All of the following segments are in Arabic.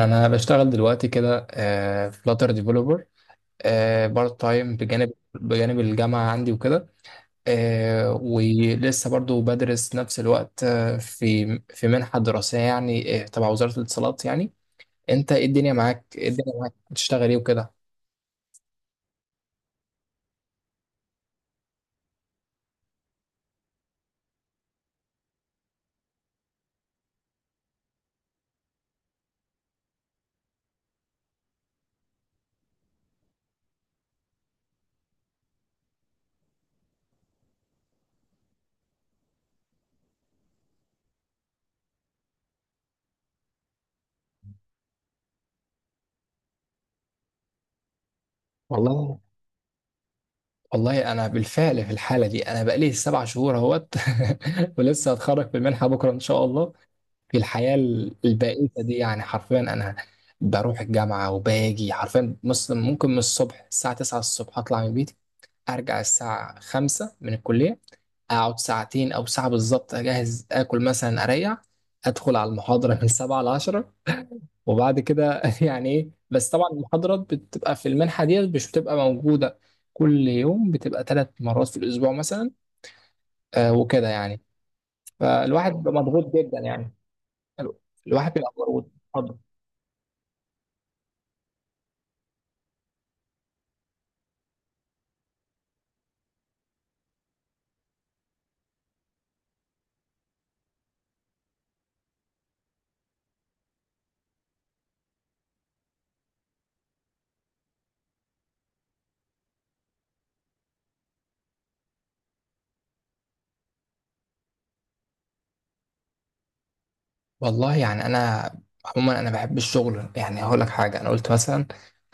انا بشتغل دلوقتي كده، فلاتر ديفلوبر بارت تايم بجانب الجامعه عندي وكده. ولسه برضو بدرس نفس الوقت. في في منحه دراسيه يعني، تبع وزاره الاتصالات يعني. انت ايه الدنيا معاك، بتشتغل ايه وكده؟ والله. والله انا بالفعل في الحاله دي، انا بقالي سبع شهور اهوت ولسه هتخرج في المنحه بكره ان شاء الله. في الحياة البائسة دي يعني، حرفيا أنا بروح الجامعة وباجي. حرفيا مثلا ممكن من الصبح الساعة 9 الصبح أطلع من بيتي، أرجع الساعة 5 من الكلية، أقعد ساعتين أو ساعة بالظبط أجهز آكل مثلا أريح، أدخل على المحاضرة من 7 ل 10. وبعد كده يعني إيه، بس طبعا المحاضرات بتبقى في المنحة ديت مش بتبقى موجودة كل يوم، بتبقى ثلاث مرات في الأسبوع مثلا. آه وكده يعني. فالواحد بيبقى مضغوط جدا يعني، الواحد بيبقى مضغوط. والله يعني انا عموما انا بحب الشغل. يعني هقول لك حاجه، انا قلت مثلا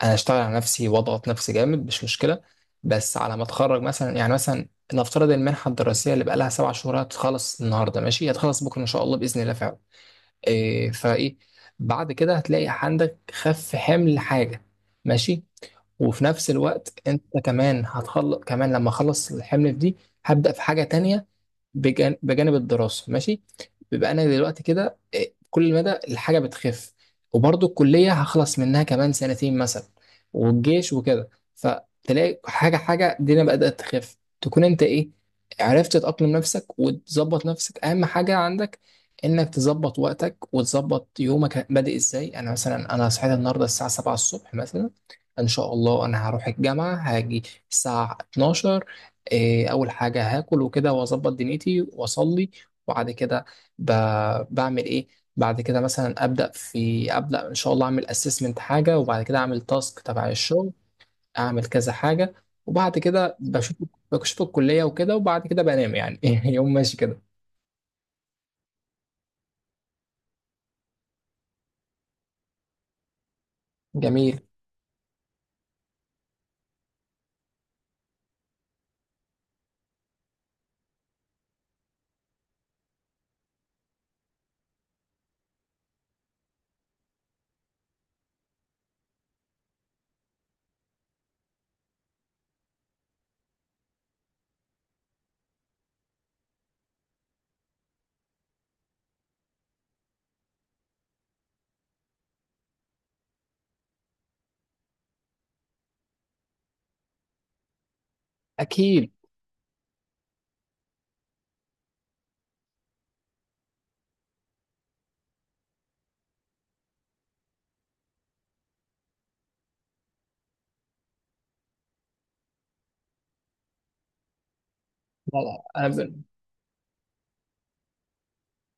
انا اشتغل على نفسي واضغط نفسي جامد مش مشكله، بس على ما اتخرج مثلا. يعني مثلا نفترض المنحه الدراسيه اللي بقى لها سبع شهور هتخلص النهارده، ماشي، هتخلص بكره ان شاء الله باذن الله فعلا. إيه فايه، بعد كده هتلاقي عندك خف حمل حاجه ماشي. وفي نفس الوقت انت كمان هتخلص، كمان لما اخلص الحمل في دي هبدا في حاجه تانية بجانب الدراسة ماشي. بيبقى أنا دلوقتي كده إيه، كل مدى الحاجة بتخف. وبرضه الكلية هخلص منها كمان سنتين مثلا، والجيش وكده. فتلاقي حاجة، حاجة الدنيا بدأت تخف، تكون أنت إيه، عرفت تأقلم نفسك وتظبط نفسك. أهم حاجة عندك إنك تظبط وقتك وتظبط يومك، بادئ إزاي. أنا مثلا أنا صحيت النهاردة الساعة 7 الصبح مثلا، إن شاء الله أنا هروح الجامعة هاجي الساعة 12. إيه، اول حاجه هاكل وكده واظبط دنيتي واصلي، وبعد كده ب... بعمل ايه؟ بعد كده مثلا ابدا في ابدا ان شاء الله اعمل اسسمنت حاجه، وبعد كده اعمل تاسك تبع الشغل، اعمل كذا حاجه. وبعد كده بشوف، بشوف الكليه وكده، وبعد كده بنام يعني. يوم ماشي كده. جميل. اكيد. لا انا.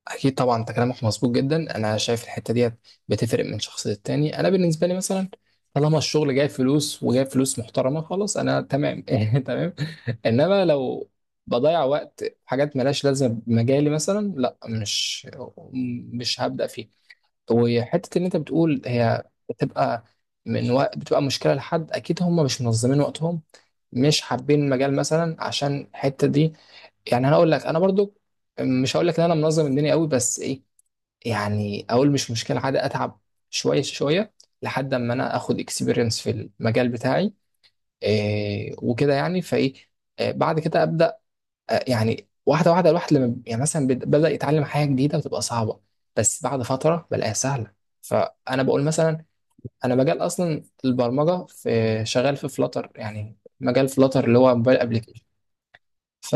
اكيد طبعا، انت كلامك مظبوط جدا. انا شايف الحته ديت بتفرق من شخص للتاني. انا بالنسبه لي مثلا طالما الشغل جايب فلوس، وجايب فلوس محترمه، خلاص انا تمام تمام. انما لو بضيع وقت في حاجات ملهاش لازمه بمجالي مثلا، لا، مش هبدا فيه. وحته اللي انت بتقول هي بتبقى من وقت، بتبقى مشكله لحد اكيد هم مش منظمين وقتهم، مش حابين المجال مثلا عشان الحته دي. يعني انا اقول لك، انا برضو مش هقول لك ان انا منظم الدنيا قوي، بس ايه، يعني اقول مش مشكله عادي، اتعب شويه شويه لحد اما انا اخد اكسبيرينس في المجال بتاعي. إيه وكده يعني فايه. بعد كده ابدا. يعني واحده واحده الواحد لما يعني مثلا بدا يتعلم حاجه جديده وتبقى صعبه، بس بعد فتره بلاقيها سهله. فانا بقول مثلا، انا مجال اصلا البرمجه في، شغال في فلاتر، يعني مجال فلاتر اللي هو موبايل. ف،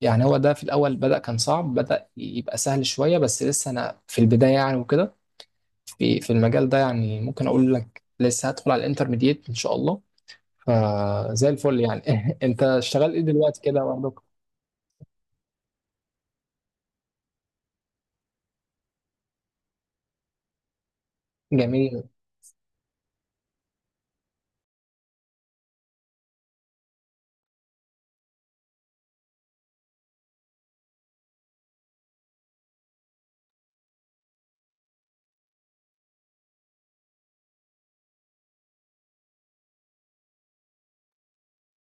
يعني هو ده في الأول بدأ كان صعب، بدأ يبقى سهل شوية، بس لسه أنا في البداية يعني وكده. في المجال ده يعني، ممكن أقول لك لسه هدخل على الانترميديت إن شاء الله، فزي الفل يعني. أنت شغال إيه دلوقتي كده برضك؟ جميل.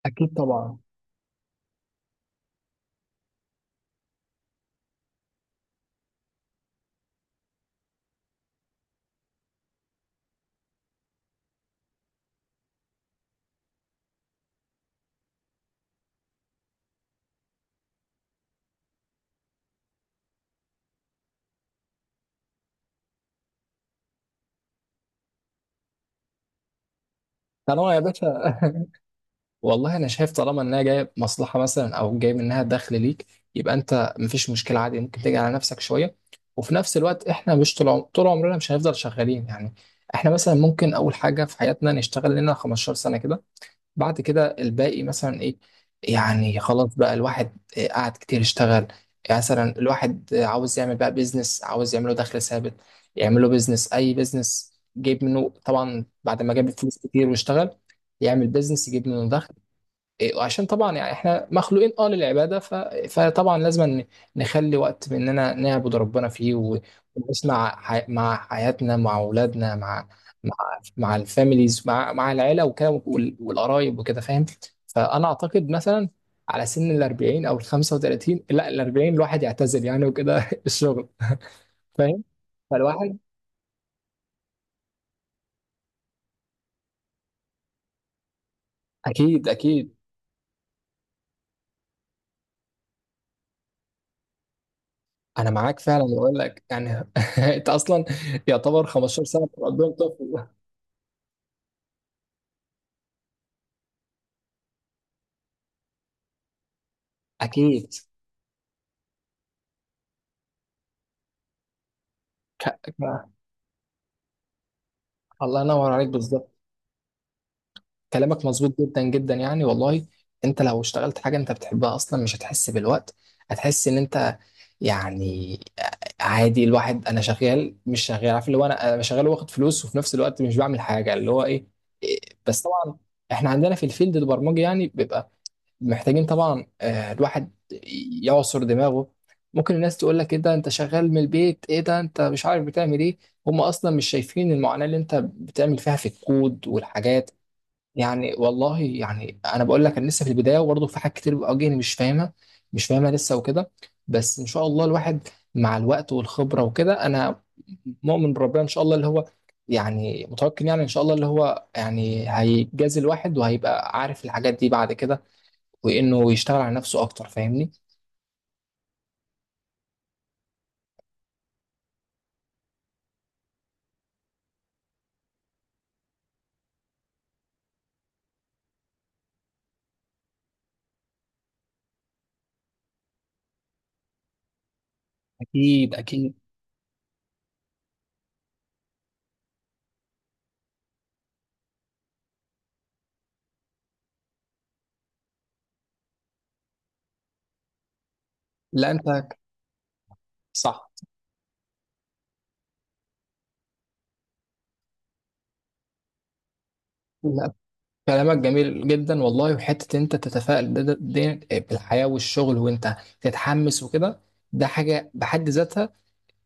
أكيد طبعا. طالما يا باشا. والله انا شايف طالما انها جايه مصلحه مثلا او جاي منها دخل ليك، يبقى انت مفيش مشكله عادي، ممكن تيجي على نفسك شويه. وفي نفس الوقت احنا مش طول عمرنا مش هنفضل شغالين يعني. احنا مثلا ممكن اول حاجه في حياتنا نشتغل لنا 15 سنه كده، بعد كده الباقي مثلا ايه، يعني خلاص بقى الواحد إيه قعد كتير يشتغل. يعني مثلا الواحد عاوز يعمل بقى بيزنس، عاوز يعمله دخل ثابت، يعمله بيزنس، اي بيزنس جايب منه طبعا بعد ما جاب فلوس كتير واشتغل، يعمل بيزنس يجيب منه دخل. إيه، وعشان طبعا يعني احنا مخلوقين اه للعباده، فطبعا لازم نخلي وقت مننا نعبد ربنا فيه، ونسمع مع حياتنا، مع اولادنا، مع مع الفاميليز، مع العيله وكده، والقرايب وكده، فاهم. فانا اعتقد مثلا على سن ال 40 او ال 35، لا ال 40، الواحد يعتزل يعني وكده الشغل. فاهم. فالواحد. اكيد. انا معاك فعلا بقول لك يعني. انت اصلا يعتبر 15 سنه بتبقى قدام طفل. اكيد. ك... ك- الله ينور عليك بالظبط. كلامك مظبوط جدا جدا يعني والله. انت لو اشتغلت حاجه انت بتحبها اصلا مش هتحس بالوقت، هتحس ان انت يعني عادي. الواحد انا شغال مش شغال عارف اللي هو، انا شغال واخد فلوس وفي نفس الوقت مش بعمل حاجه اللي هو ايه. إيه، بس طبعا احنا عندنا في الفيلد البرمجي يعني بيبقى محتاجين طبعا، الواحد يعصر دماغه. ممكن الناس تقول لك ايه ده انت شغال من البيت، ايه ده انت مش عارف بتعمل ايه، هم اصلا مش شايفين المعاناة اللي انت بتعمل فيها في الكود والحاجات. يعني والله يعني انا بقول لك، انا لسه في البداية، وبرضه في حاجات كتير بتواجهني مش فاهمها لسه وكده. بس ان شاء الله الواحد مع الوقت والخبرة وكده، انا مؤمن بربنا ان شاء الله اللي هو يعني متوكل، يعني ان شاء الله اللي هو يعني هيجازي الواحد وهيبقى عارف الحاجات دي بعد كده، وانه يشتغل على نفسه اكتر، فاهمني؟ اكيد. لا انت. صح. لا كلامك جميل جدا والله، وحته إن انت تتفائل دي بالحياه والشغل، وانت تتحمس وكده، ده حاجه بحد ذاتها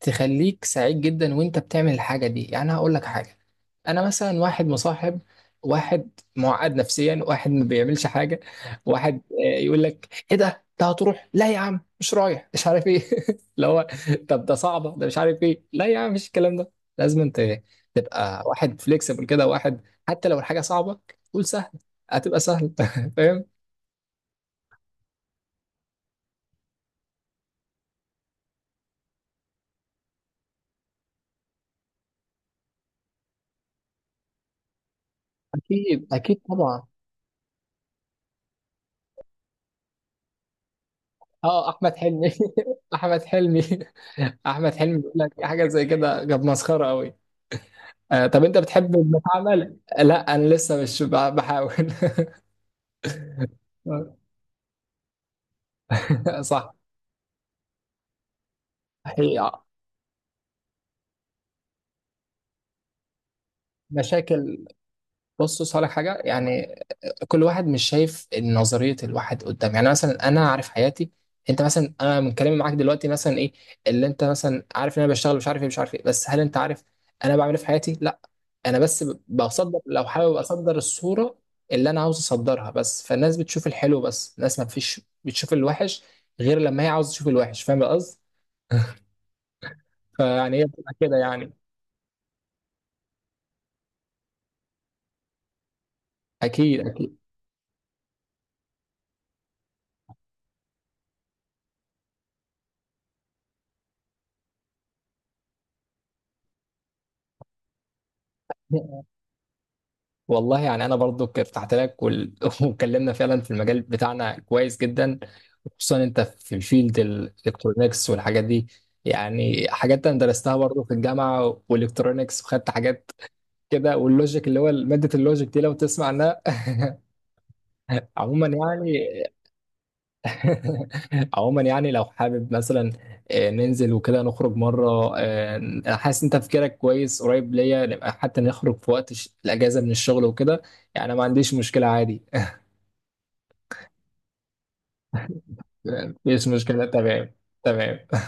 تخليك سعيد جدا وانت بتعمل الحاجة دي. يعني هقول لك حاجة، انا مثلا واحد مصاحب واحد معقد نفسيا، واحد ما بيعملش حاجة، واحد يقول لك ايه ده انت هتروح، لا يا عم مش رايح مش عارف ايه اللي هو طب ده صعبة ده مش عارف ايه، لا يا عم مش الكلام ده. لازم انت تبقى واحد فليكسبل كده، واحد حتى لو الحاجة صعبة قول سهل، هتبقى سهل. فاهم. اكيد اكيد طبعا. اه احمد حلمي. احمد حلمي. احمد حلمي بيقول لك حاجه زي كده كانت مسخره قوي. آه طب انت بتحب ابن عمل، لا انا لسه مش بحاول. صح. هي مشاكل. بص صالح حاجه يعني. كل واحد مش شايف نظريه الواحد قدام، يعني مثلا انا عارف حياتي. انت مثلا انا من كلامي معاك دلوقتي مثلا ايه اللي انت مثلا عارف، ان انا بشتغل مش عارف ايه مش عارف ايه، بس هل انت عارف انا بعمل ايه في حياتي؟ لا. انا بس بصدر لو حابب اصدر الصوره اللي انا عاوز اصدرها بس. فالناس بتشوف الحلو بس، الناس ما فيش بتشوف الوحش غير لما هي عاوزه تشوف الوحش، فاهم القصد. فيعني هي بتبقى كده يعني. اكيد. والله يعني انا برضو ارتحت لك واتكلمنا فعلا في المجال بتاعنا كويس جدا، خصوصا انت في فيلد الالكترونيكس والحاجات دي. يعني حاجات انا درستها برضو في الجامعه، والالكترونيكس وخدت حاجات كده، واللوجيك اللي هو ماده اللوجيك دي لو تسمع عنها. عموما يعني. عموما يعني لو حابب مثلا، ننزل وكده نخرج مره. انا حاسس انت تفكيرك كويس قريب ليا، نبقى حتى نخرج في وقت الاجازه من الشغل وكده، يعني ما عنديش مشكله عادي. مفيش مشكله. تمام. تمام.